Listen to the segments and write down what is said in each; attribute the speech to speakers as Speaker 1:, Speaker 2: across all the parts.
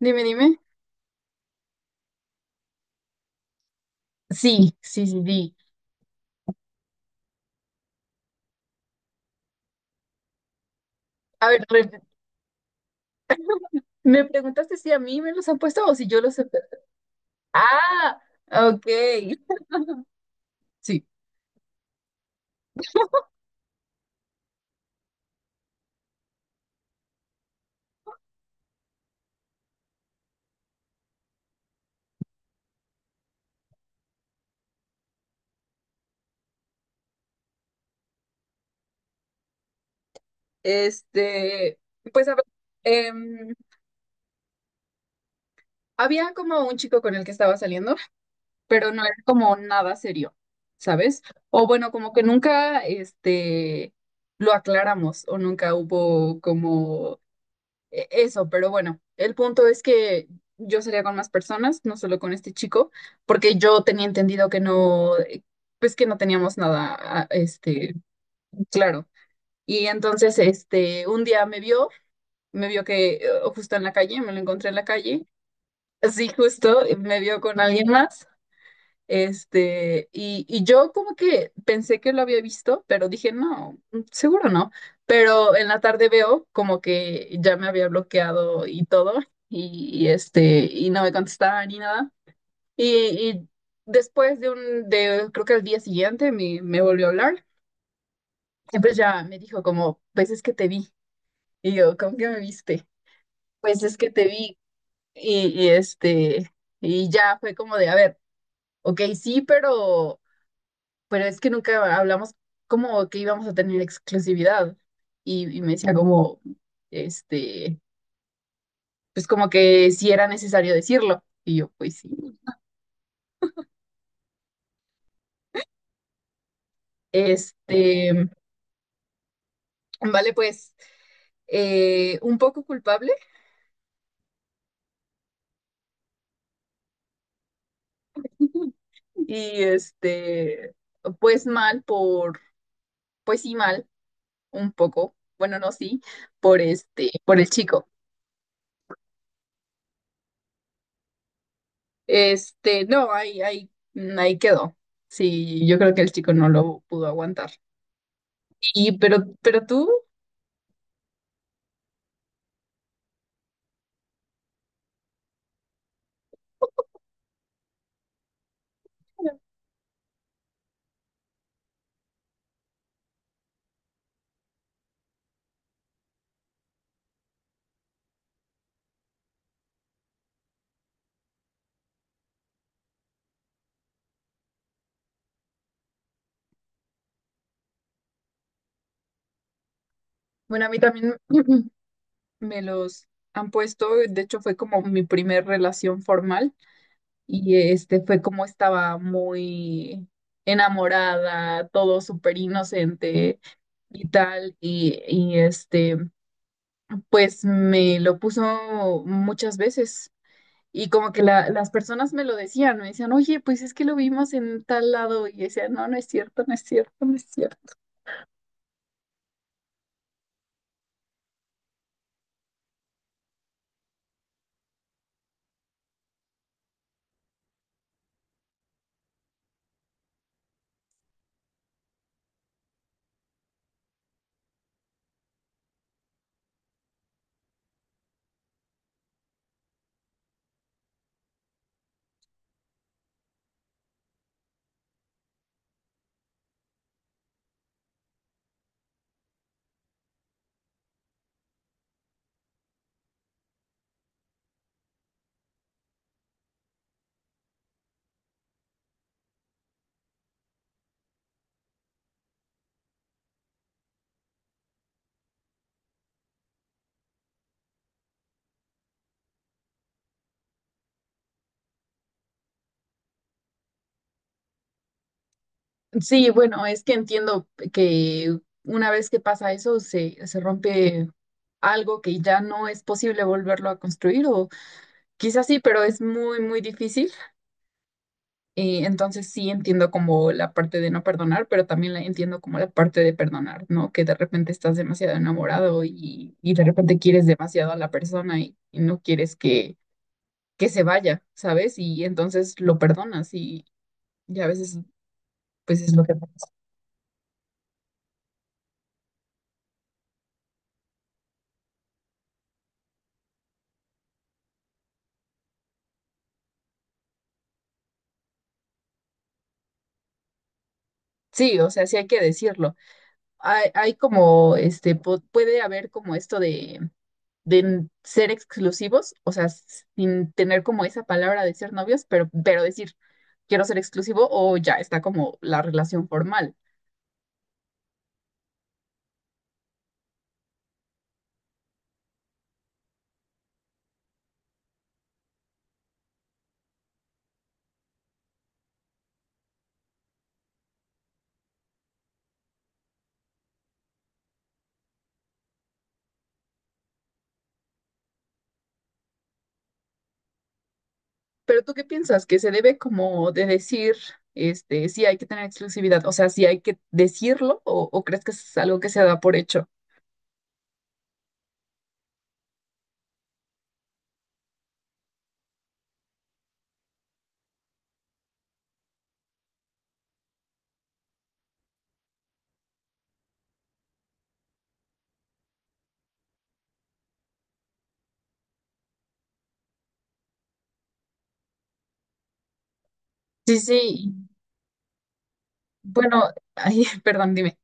Speaker 1: Dime, dime. Sí, sí, sí, sí. A ver, me preguntaste si a mí me los han puesto o si yo los he. Ah, ok. Sí. Este, pues a ver, em, había como un chico con el que estaba saliendo, pero no era como nada serio, ¿sabes? O bueno, como que nunca, lo aclaramos o nunca hubo como eso, pero bueno, el punto es que yo salía con más personas, no solo con este chico, porque yo tenía entendido que no, pues que no teníamos nada, claro. Y entonces, un día me vio que justo en la calle, me lo encontré en la calle, así justo, me vio con alguien más y yo como que pensé que lo había visto, pero dije, no, seguro no. Pero en la tarde veo como que ya me había bloqueado y todo, y no me contestaba ni nada. Y, y después creo que al día siguiente me volvió a hablar, y pues ya me dijo como, pues es que te vi. Y yo, ¿cómo que me viste? Pues es que te vi. Y, y este, y ya fue como de, a ver, ok, sí, pero es que nunca hablamos como que íbamos a tener exclusividad. Y me decía como, este, pues como que si era necesario decirlo. Y yo, pues sí. Este, vale, pues un poco culpable. Y pues mal por, pues sí mal, un poco, bueno, no sí, por por el chico. No, ahí quedó. Sí, yo creo que el chico no lo pudo aguantar. Y pero tú, bueno, a mí también me los han puesto, de hecho fue como mi primer relación formal y fue como estaba muy enamorada, todo súper inocente y tal, y pues me lo puso muchas veces y como que las personas me lo decían, me decían, oye, pues es que lo vimos en tal lado y yo decía, no, no es cierto, no es cierto, no es cierto. Sí, bueno, es que entiendo que una vez que pasa eso, se rompe algo que ya no es posible volverlo a construir, o quizás sí, pero es muy, muy difícil. Entonces sí entiendo como la parte de no perdonar, pero también la entiendo como la parte de perdonar, ¿no? Que de repente estás demasiado enamorado y de repente quieres demasiado a la persona y no quieres que, se vaya, ¿sabes? Y entonces lo perdonas y a veces pues es lo que pasa. Sí, o sea, sí hay que decirlo hay como, puede haber como esto de ser exclusivos, o sea, sin tener como esa palabra de ser novios, pero decir, quiero ser exclusivo o ya está como la relación formal. Pero ¿tú qué piensas? Que se debe como de decir, si hay que tener exclusividad, o sea, si hay que decirlo o crees que es algo que se da por hecho. Sí, sí, bueno, ay, perdón, dime.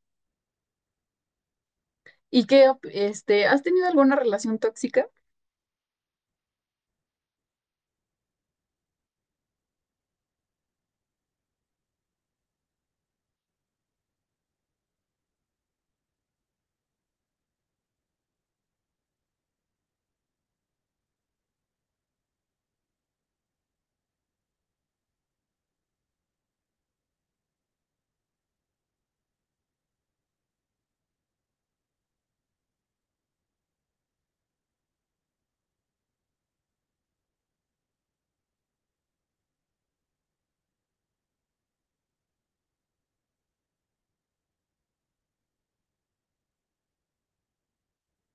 Speaker 1: ¿Y qué, has tenido alguna relación tóxica?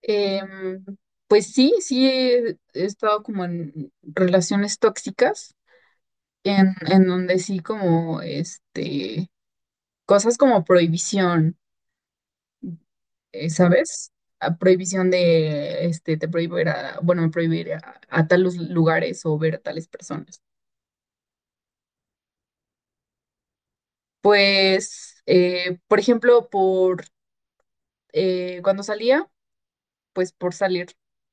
Speaker 1: Em, pues sí, sí he estado como en relaciones tóxicas, en donde sí como, cosas como prohibición, ¿sabes? A prohibición de, te prohíbo ir a, bueno, me prohíbo ir a, tales lugares o ver a tales personas. Pues, por ejemplo, cuando salía, pues por salir,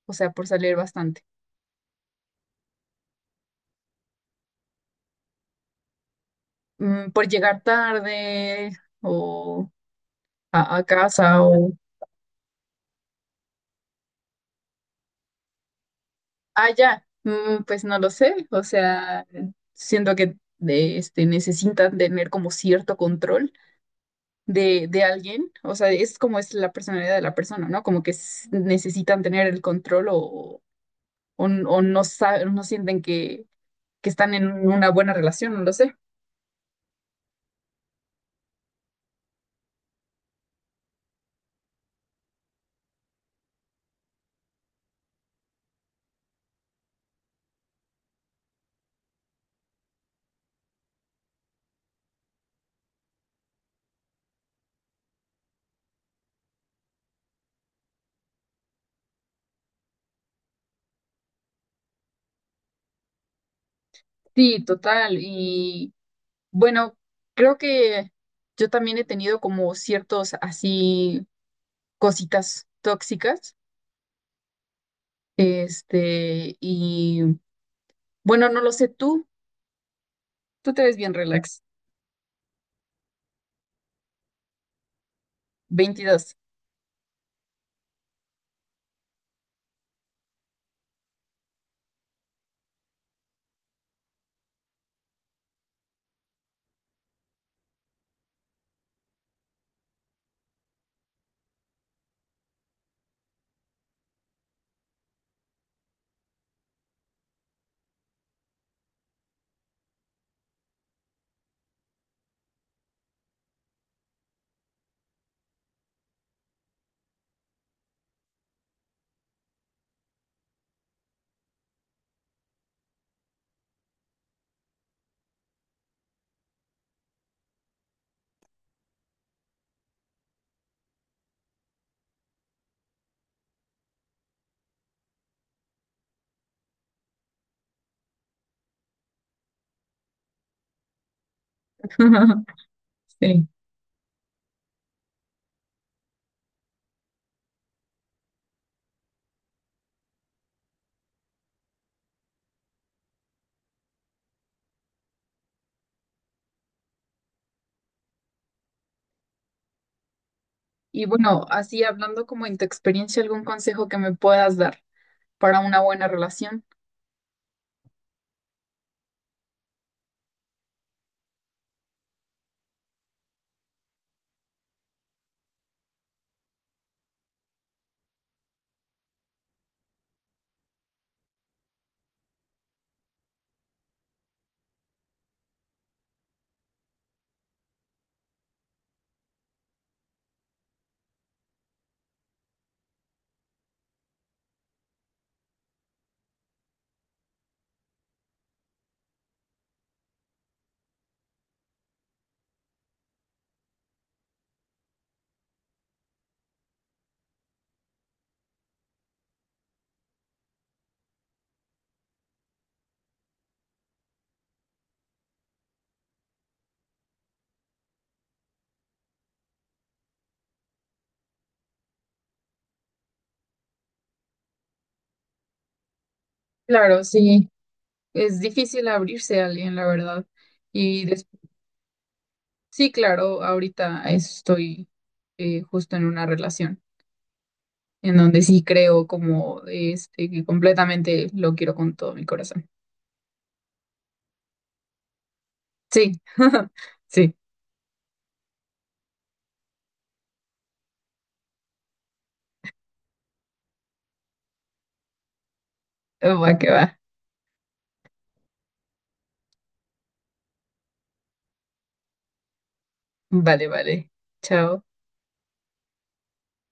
Speaker 1: o sea, por salir bastante. Por llegar tarde o a casa o. Ah, ya. Pues no lo sé, o sea, siento que necesitan tener como cierto control de alguien, o sea, es como es la personalidad de la persona, ¿no? Como que necesitan tener el control o no saben, no sienten que, están en una buena relación, no lo sé. Sí, total, y bueno, creo que yo también he tenido como ciertos así cositas tóxicas, este, y... Bueno, no lo sé tú te ves bien relax. 22. Sí. Y bueno, así hablando como en tu experiencia, algún consejo que me puedas dar para una buena relación. Claro, sí, es difícil abrirse a alguien, la verdad. Y sí, claro, ahorita estoy justo en una relación en donde sí creo como que completamente lo quiero con todo mi corazón. Sí, sí, oh, va que va. Vale, vale. Chao.